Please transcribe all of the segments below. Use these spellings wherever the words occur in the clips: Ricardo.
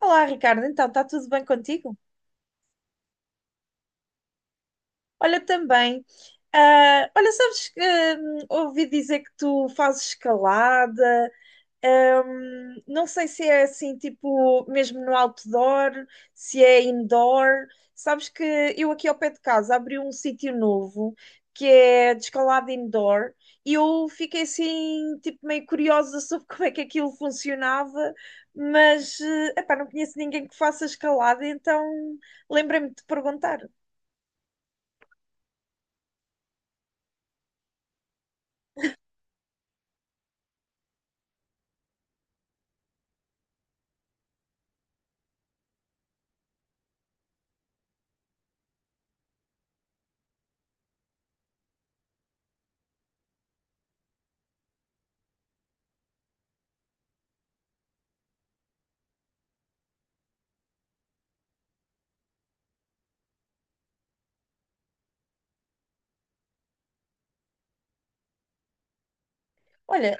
Olá, Ricardo. Então, está tudo bem contigo? Olha, também. Olha, sabes que ouvi dizer que tu fazes escalada. Não sei se é assim, tipo, mesmo no outdoor, se é indoor. Sabes que eu aqui ao pé de casa abri um sítio novo que é de escalada indoor e eu fiquei assim, tipo, meio curiosa sobre como é que aquilo funcionava, mas, epá, não conheço ninguém que faça escalada, então lembrei-me de te perguntar. Olha,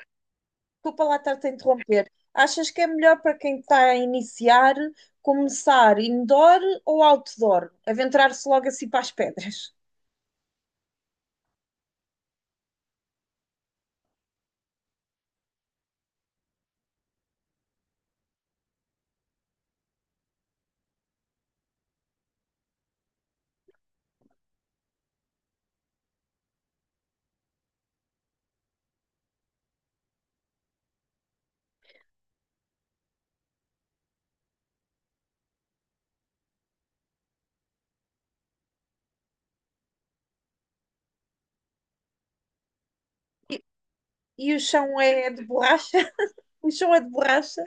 desculpa lá estar-te a interromper. Achas que é melhor para quem está a iniciar começar indoor ou outdoor? Aventurar-se logo assim para as pedras? E, e o chão é de borracha? O chão é de borracha?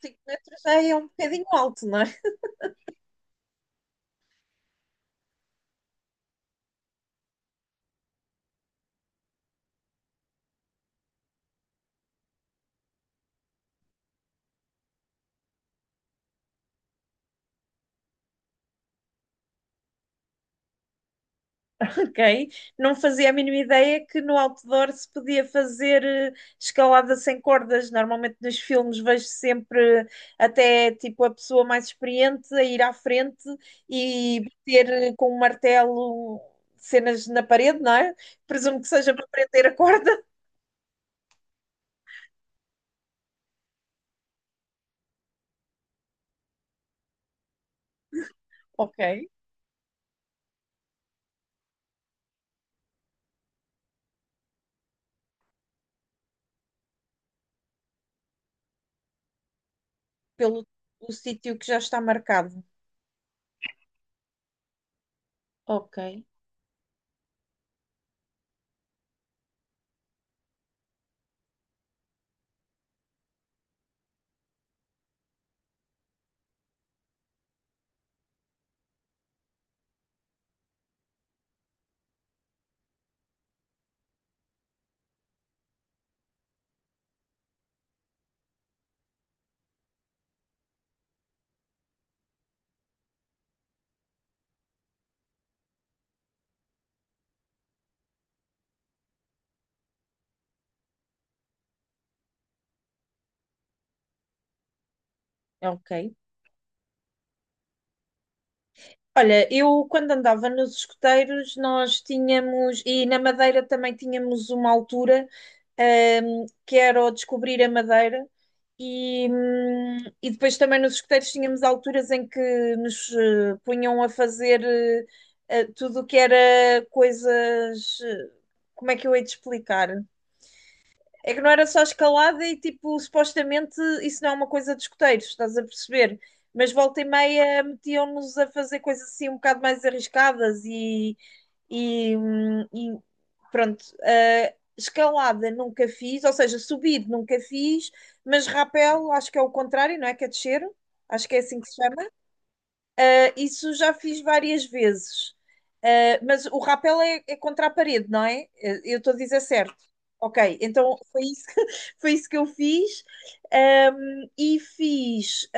5 metros já é um bocadinho alto, não é? Ok? Não fazia a mínima ideia que no outdoor se podia fazer escalada sem cordas. Normalmente nos filmes vejo sempre até tipo a pessoa mais experiente a ir à frente e bater com um martelo cenas na parede, não é? Presumo que seja para prender a corda. Ok? Pelo o sítio que já está marcado, ok, ok. Olha, eu quando andava nos escuteiros, nós tínhamos, e na Madeira também tínhamos uma altura, que era o descobrir a Madeira, e depois também nos escuteiros tínhamos alturas em que nos punham a fazer tudo o que era coisas. Como é que eu hei de explicar? É que não era só escalada e, tipo, supostamente isso não é uma coisa de escoteiros, estás a perceber? Mas volta e meia metiam-nos a fazer coisas assim um bocado mais arriscadas e pronto. Escalada nunca fiz, ou seja, subir nunca fiz, mas rapel acho que é o contrário, não é? Que é descer, acho que é assim que se chama. Isso já fiz várias vezes. Mas o rapel é, é contra a parede, não é? Eu estou a dizer certo. Ok, então foi isso, foi isso que eu fiz. Um, e fiz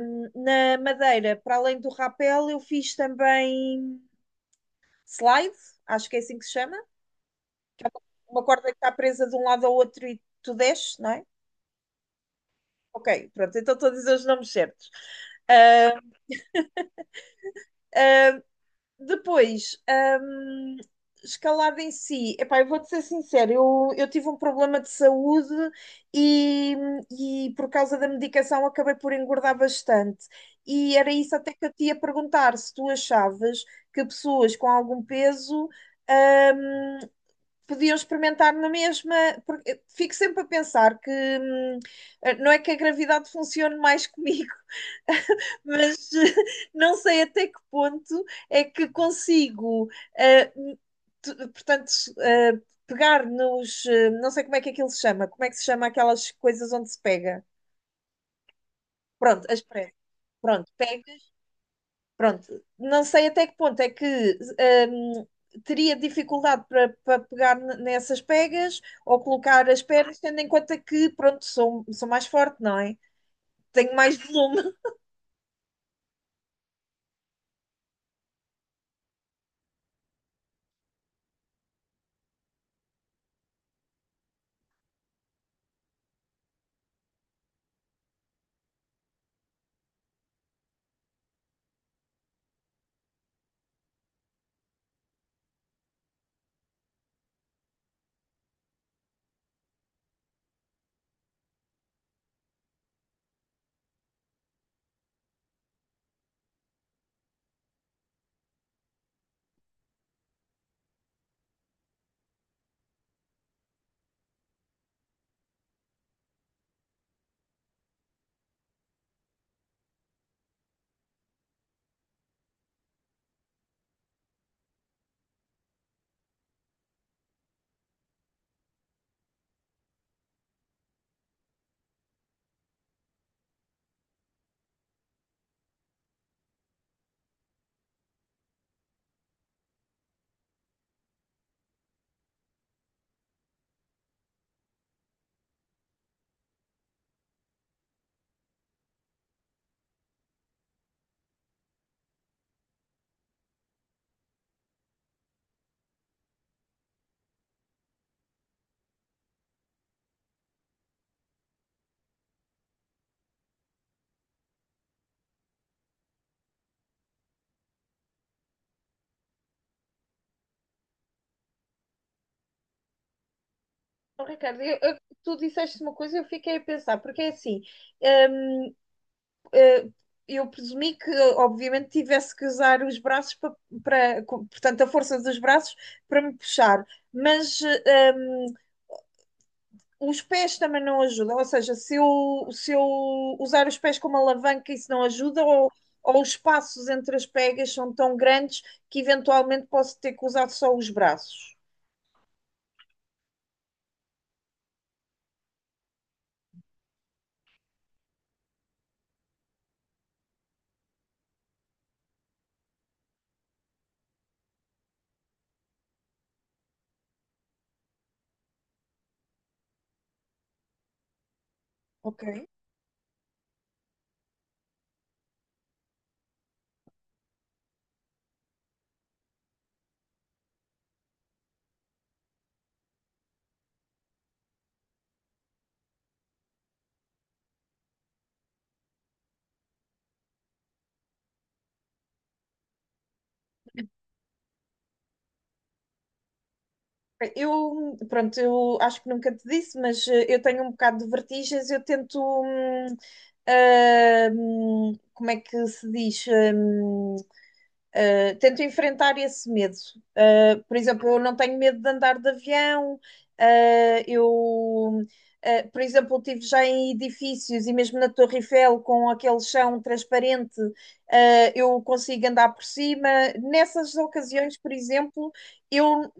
um, na Madeira, para além do rapel, eu fiz também slide, acho que é assim que se chama. Uma corda que está presa de um lado ao outro e tu desces, não é? Ok, pronto, então estou a dizer os nomes certos. Depois, escalada em si, epá, eu vou-te ser sincero, eu tive um problema de saúde e, e por causa da medicação acabei por engordar bastante. E era isso até que eu te ia perguntar, se tu achavas que pessoas com algum peso, hum, podiam experimentar na mesma, porque eu fico sempre a pensar que, não é que a gravidade funcione mais comigo, mas não sei até que ponto é que consigo, eh, portanto, eh, pegar nos, não sei como é que aquilo se chama, como é que se chama aquelas coisas onde se pega? Pronto, as pressas. Pronto, pega, pronto. Não sei até que ponto é que ehm, teria dificuldade para pegar nessas pegas ou colocar as pernas, tendo em conta que, pronto, sou mais forte, não é? Tenho mais volume. Oh, Ricardo, tu disseste uma coisa e eu fiquei a pensar, porque é assim, hum, eh, eu presumi que obviamente tivesse que usar os braços para, portanto, a força dos braços para me puxar, mas os pés também não ajudam, ou seja, se eu usar os pés como alavanca isso não ajuda, ou os espaços entre as pegas são tão grandes que eventualmente posso ter que usar só os braços. Ok. Eu, pronto, eu acho que nunca te disse, mas eu tenho um bocado de vertigens, eu tento, como é que se diz? Tento enfrentar esse medo. Por exemplo, eu não tenho medo de andar de avião, eu. Por exemplo, eu estive já em edifícios e mesmo na Torre Eiffel, com aquele chão transparente, eu consigo andar por cima. Nessas ocasiões, por exemplo, eu um,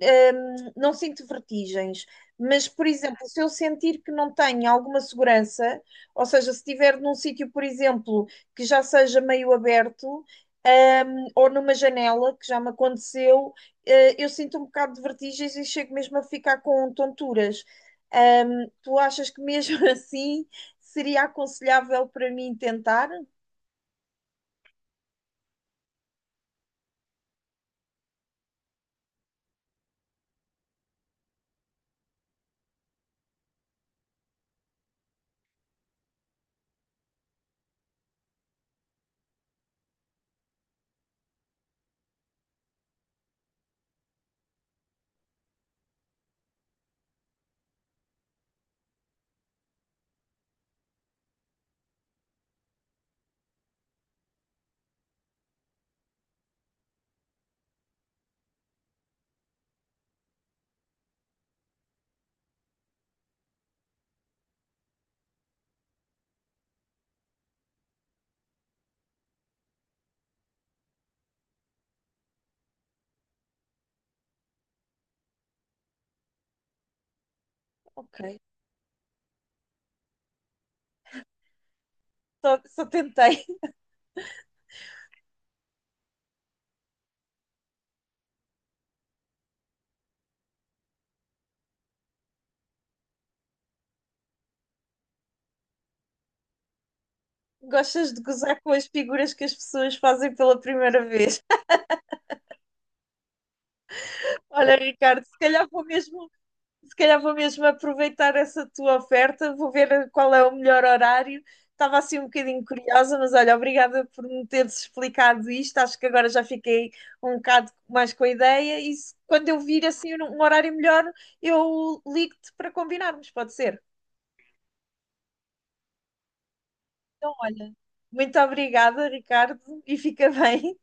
não sinto vertigens. Mas, por exemplo, se eu sentir que não tenho alguma segurança, ou seja, se estiver num sítio, por exemplo, que já seja meio aberto, eh, ou numa janela, que já me aconteceu, eu sinto um bocado de vertigens e chego mesmo a ficar com tonturas. Tu achas que mesmo assim seria aconselhável para mim tentar? Ok, só tentei. Gostas de gozar com as figuras que as pessoas fazem pela primeira vez? Olha, Ricardo, se calhar vou mesmo aproveitar essa tua oferta, vou ver qual é o melhor horário. Estava assim um bocadinho curiosa, mas olha, obrigada por me teres explicado isto. Acho que agora já fiquei um bocado mais com a ideia. E quando eu vir assim um horário melhor, eu ligo-te para combinarmos, pode ser? Então, olha, muito obrigada, Ricardo, e fica bem.